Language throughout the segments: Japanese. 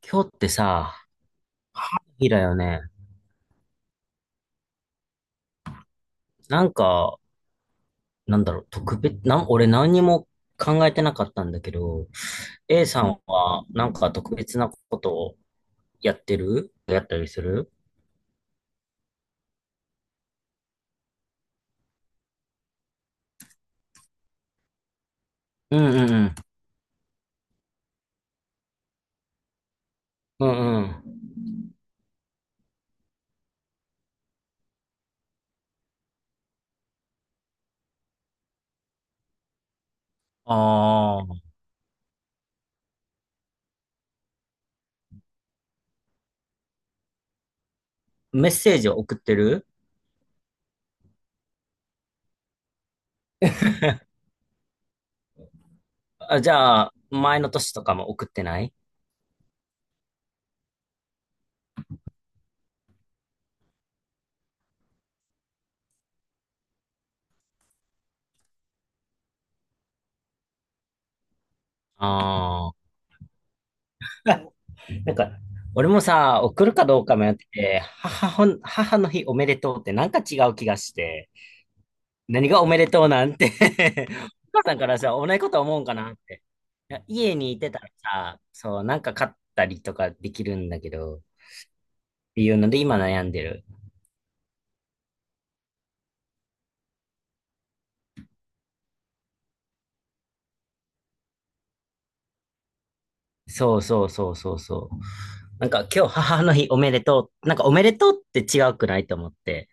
今日ってさ、日だよね。なんか、なんだろう、特別、なん、俺何にも考えてなかったんだけど、A さんはなんか特別なことをやってるやったりする？うんうんうん。うんうん。ああ、メッセージを送ってる？あ、じゃあ、前の年とかも送ってない？ああー、なんか、俺もさ、送るかどうか迷ってて、母ほん、母の日おめでとうってなんか違う気がして、何がおめでとうなんて？ お母さんからさ、同じこと思うんかなって。いや家にいてたらさ、そう、なんか買ったりとかできるんだけど、っていうので今悩んでる。そうそうそうそうそう。なんか今日母の日おめでとう。なんかおめでとうって違うくないと思って。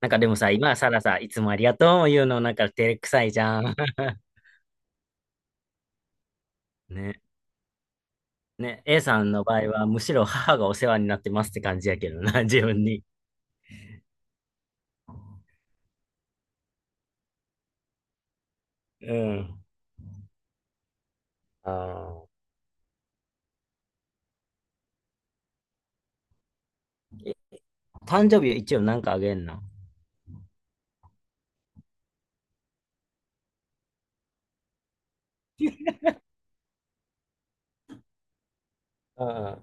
なんかでもさ、今さらさ、いつもありがとうも言うのなんか照れくさいじゃん。ね。ね。A さんの場合はむしろ母がお世話になってますって感じやけどな、自分に。うん。あー、誕生日は一応なんかあげんの？うんうん。あ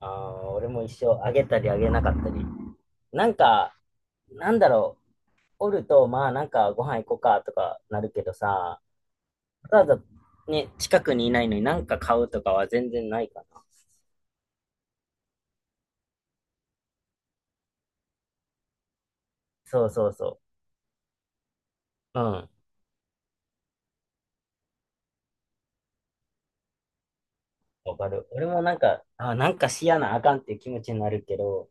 あ、俺も一生あげたりあげなかったり。なんか、なんだろう、おると、まあなんかご飯行こうかとかなるけどさ、ただね、近くにいないのになんか買うとかは全然ないかな。そうそうそう。うん。わかる。俺もなんか、あ、なんかしやなあかんっていう気持ちになるけど、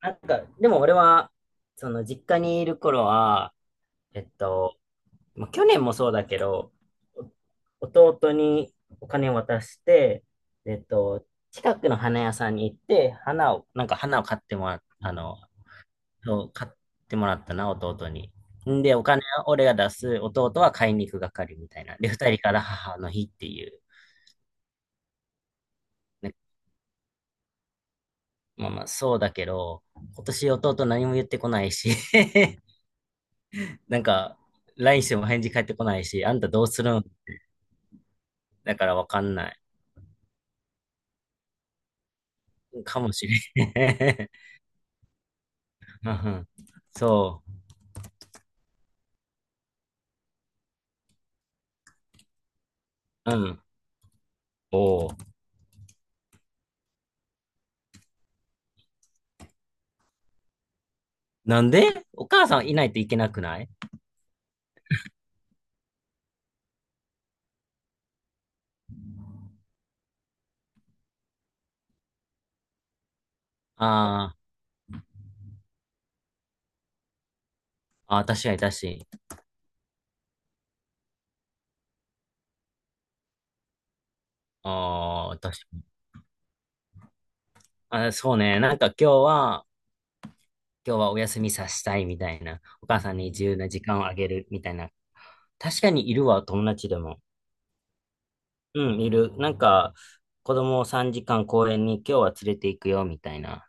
なんか、でも俺は、その実家にいる頃は、えっと、まあ、去年もそうだけど、お弟にお金を渡して、えっと、近くの花屋さんに行って、花を、なんか花を買ってもらっ、あの、そう買ってもらったな、弟に。んで、お金は俺が出す、弟は買いに行く係みたいな。で、二人から母の日っていう。ね、まあまあ、そうだけど、今年弟何も言ってこないし、なんか、LINE しても返事返ってこないし、あんたどうするん？だからわかんない。かもしれん。うんうん。そう。うん。おお。なんでお母さんいないといけなくない？あー、あー、確かに確かに。ああ、確かに。あ、そうね。なんか今日は、今日はお休みさせたいみたいな。お母さんに自由な時間をあげるみたいな。確かにいるわ、友達でも。うん、いる。なんか、子供を3時間公園に今日は連れて行くよみたいな。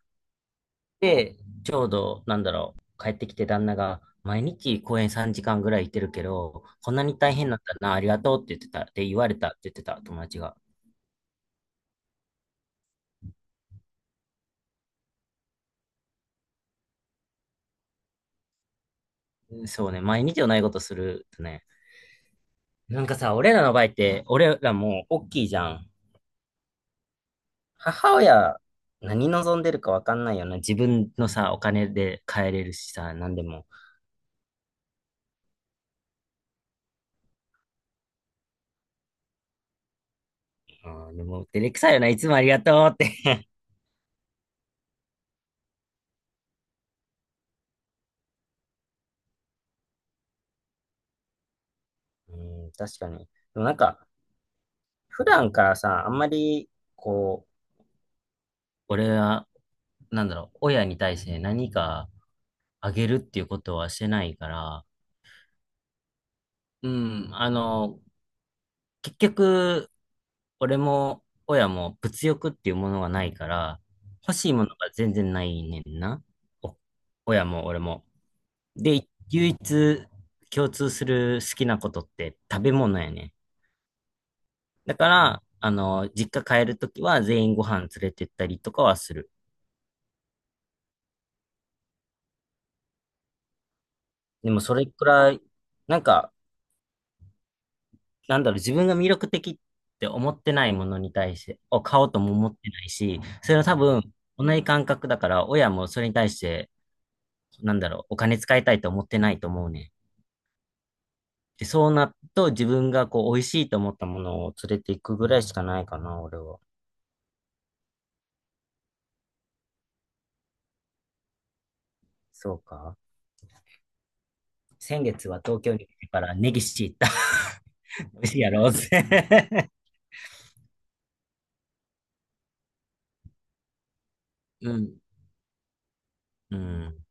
で、ちょうど、なんだろう、帰ってきて旦那が、毎日公園3時間ぐらい行ってるけど、こんなに大変なんだな、ありがとうって言ってた、って言われたって言ってた、友達が。そうね、毎日同じことするとね。なんかさ、俺らの場合って、俺らもう大きいじゃん。母親、何望んでるかわかんないよな。自分のさ、お金で買えれるしさ、何でも。うん、でも、照れくさいよな、いつもありがとうって。 うん、確かに。でもなんか、普段からさ、あんまり、こう、俺はなんだろう、親に対して何かあげるっていうことはしてないから、うん、あの、結局、俺も親も物欲っていうものがないから、欲しいものが全然ないねんな。お親も俺も。で、唯一共通する好きなことって食べ物やねん。だから、あの、実家帰るときは全員ご飯連れてったりとかはする。でもそれくらい、なんか、なんだろう、自分が魅力的って思ってないものに対して、を買おうとも思ってないし、それは多分、同じ感覚だから、親もそれに対して、なんだろう、お金使いたいと思ってないと思うね。で、そうなると、自分がこう、美味しいと思ったものを連れていくぐらいしかないかな、俺は。そうか。先月は東京に来てからネギシ行った。美味しいやろうぜ。うん。うん。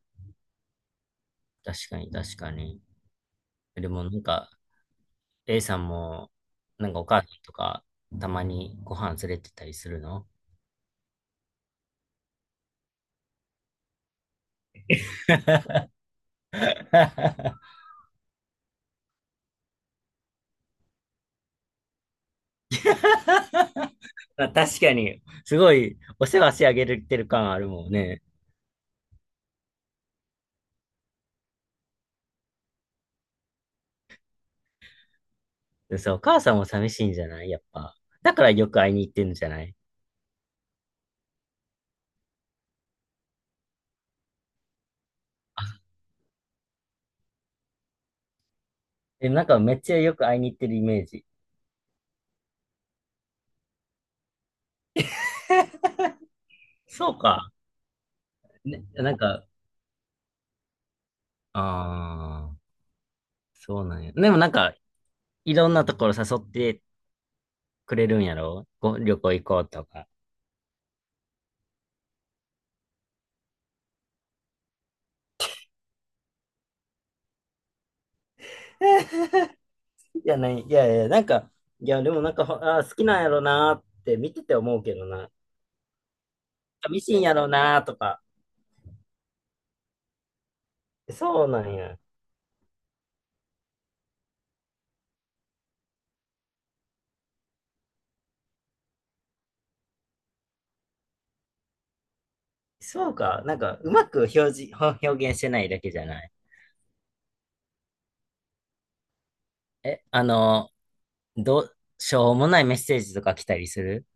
確かに、確かに。でもなんか、A さんも、なんかお母さんとか、たまにご飯連れてったりするの？ まあ確かに、すごい、お世話してあげれてる感あるもんね。そう、お母さんも寂しいんじゃない、やっぱ。だからよく会いに行ってんじゃない？え、なんかめっちゃよく会いに行ってるイメージ。そうか。ね、なんか、ああ、そうなんや。でもなんか、いろんなところ誘ってくれるんやろ？ご旅行行こうとか。いや、ない、いやいや、なんか、いや、でもなんか、ほあー、好きなんやろなーって見てて思うけどな。ミシンやろなーとか。そうなんや。そうか。なんか、うまく表示、ほ表現してないだけじゃない。え、あの、どう、しょうもないメッセージとか来たりする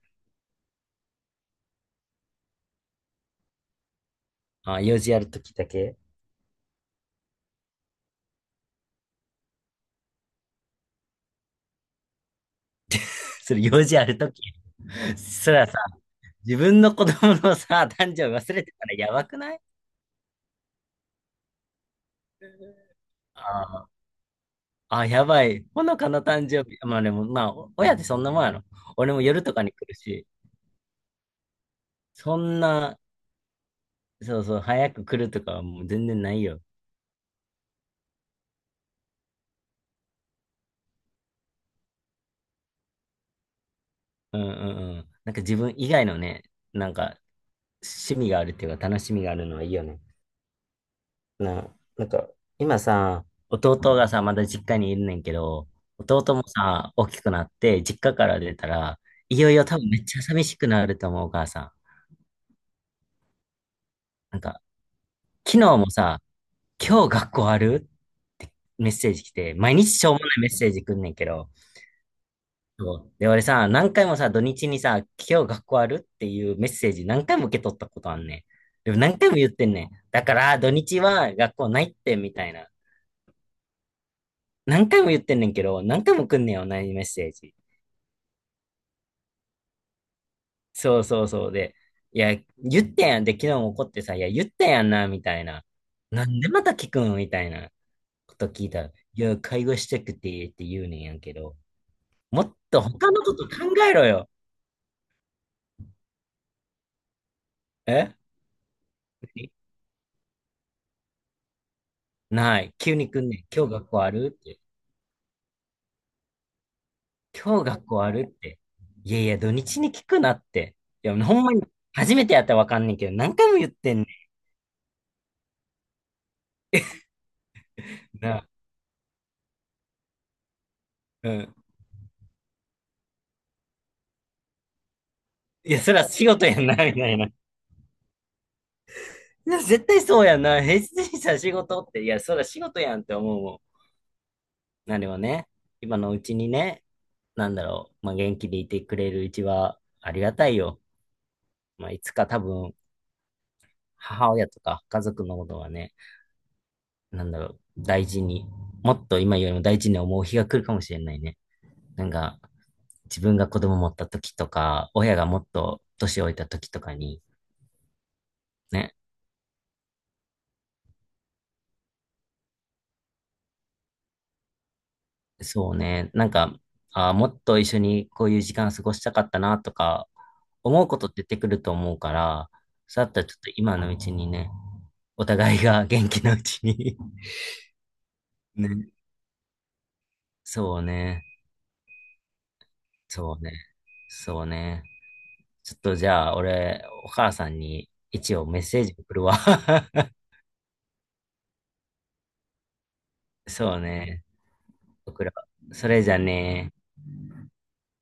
あ、用事あるときだけ？ それ用事あるとき。それはさ、自分の子供のさ、誕生日忘れてたらやばくない？あー、あ、やばい。ほのかの誕生日。まあでも、まあ、お親ってそんなもんやろ。俺も夜とかに来るし。そんな、そうそう、早く来るとかはもう全然ないよ。うんうんうん。なんか自分以外のね、なんか趣味があるっていうか楽しみがあるのはいいよね。な、なんか今さ、弟がさ、まだ実家にいるねんけど、弟もさ、大きくなって実家から出たら、いよいよ多分めっちゃ寂しくなると思う、お母さん。なんか、昨日もさ、今日学校ある？メッセージ来て、毎日しょうもないメッセージ来んねんけど、そう。で、俺さ、何回もさ、土日にさ、今日学校あるっていうメッセージ何回も受け取ったことあんねん。でも何回も言ってんねん。だから、土日は学校ないって、みたいな。何回も言ってんねんけど、何回も来んねんよ、同じメッセージ。そうそうそうで。いや、言ってんやん。で、昨日も怒ってさ、いや、言ってんやんな、みたいな。なんでまた聞くんみたいなこと聞いたら、いや、会話したくて、って言うねんやんけど、もっと他のこと考えろよ。え、ない。急に来んねん。今日学校あるって。今日学校あるって。いやいや、土日に聞くなって。いや、ほんまに、初めてやったらわかんねんけど、何回も言ってんねんな。うん。いや、そら仕事やんな、みたいな。いや、絶対そうやんな。平日にさ、仕事って。いや、そら仕事やんって思うもん。なればね、今のうちにね、なんだろう、まあ、元気でいてくれるうちはありがたいよ。まあ、いつか多分、母親とか家族のことはね、なんだろう、大事に、もっと今よりも大事に思う日が来るかもしれないね。なんか、自分が子供持った時とか、親がもっと年老いた時とかに、ね、そうね、なんか、あーもっと一緒にこういう時間過ごしたかったなとか、思うこと出てくると思うから、そうだったらちょっと今のうちにね、お互いが元気なうちに。 ね、そうね、そうね、そうね。ちょっとじゃあ、俺、お母さんに一応メッセージ送るわ。そうね、送ろう。それじゃね。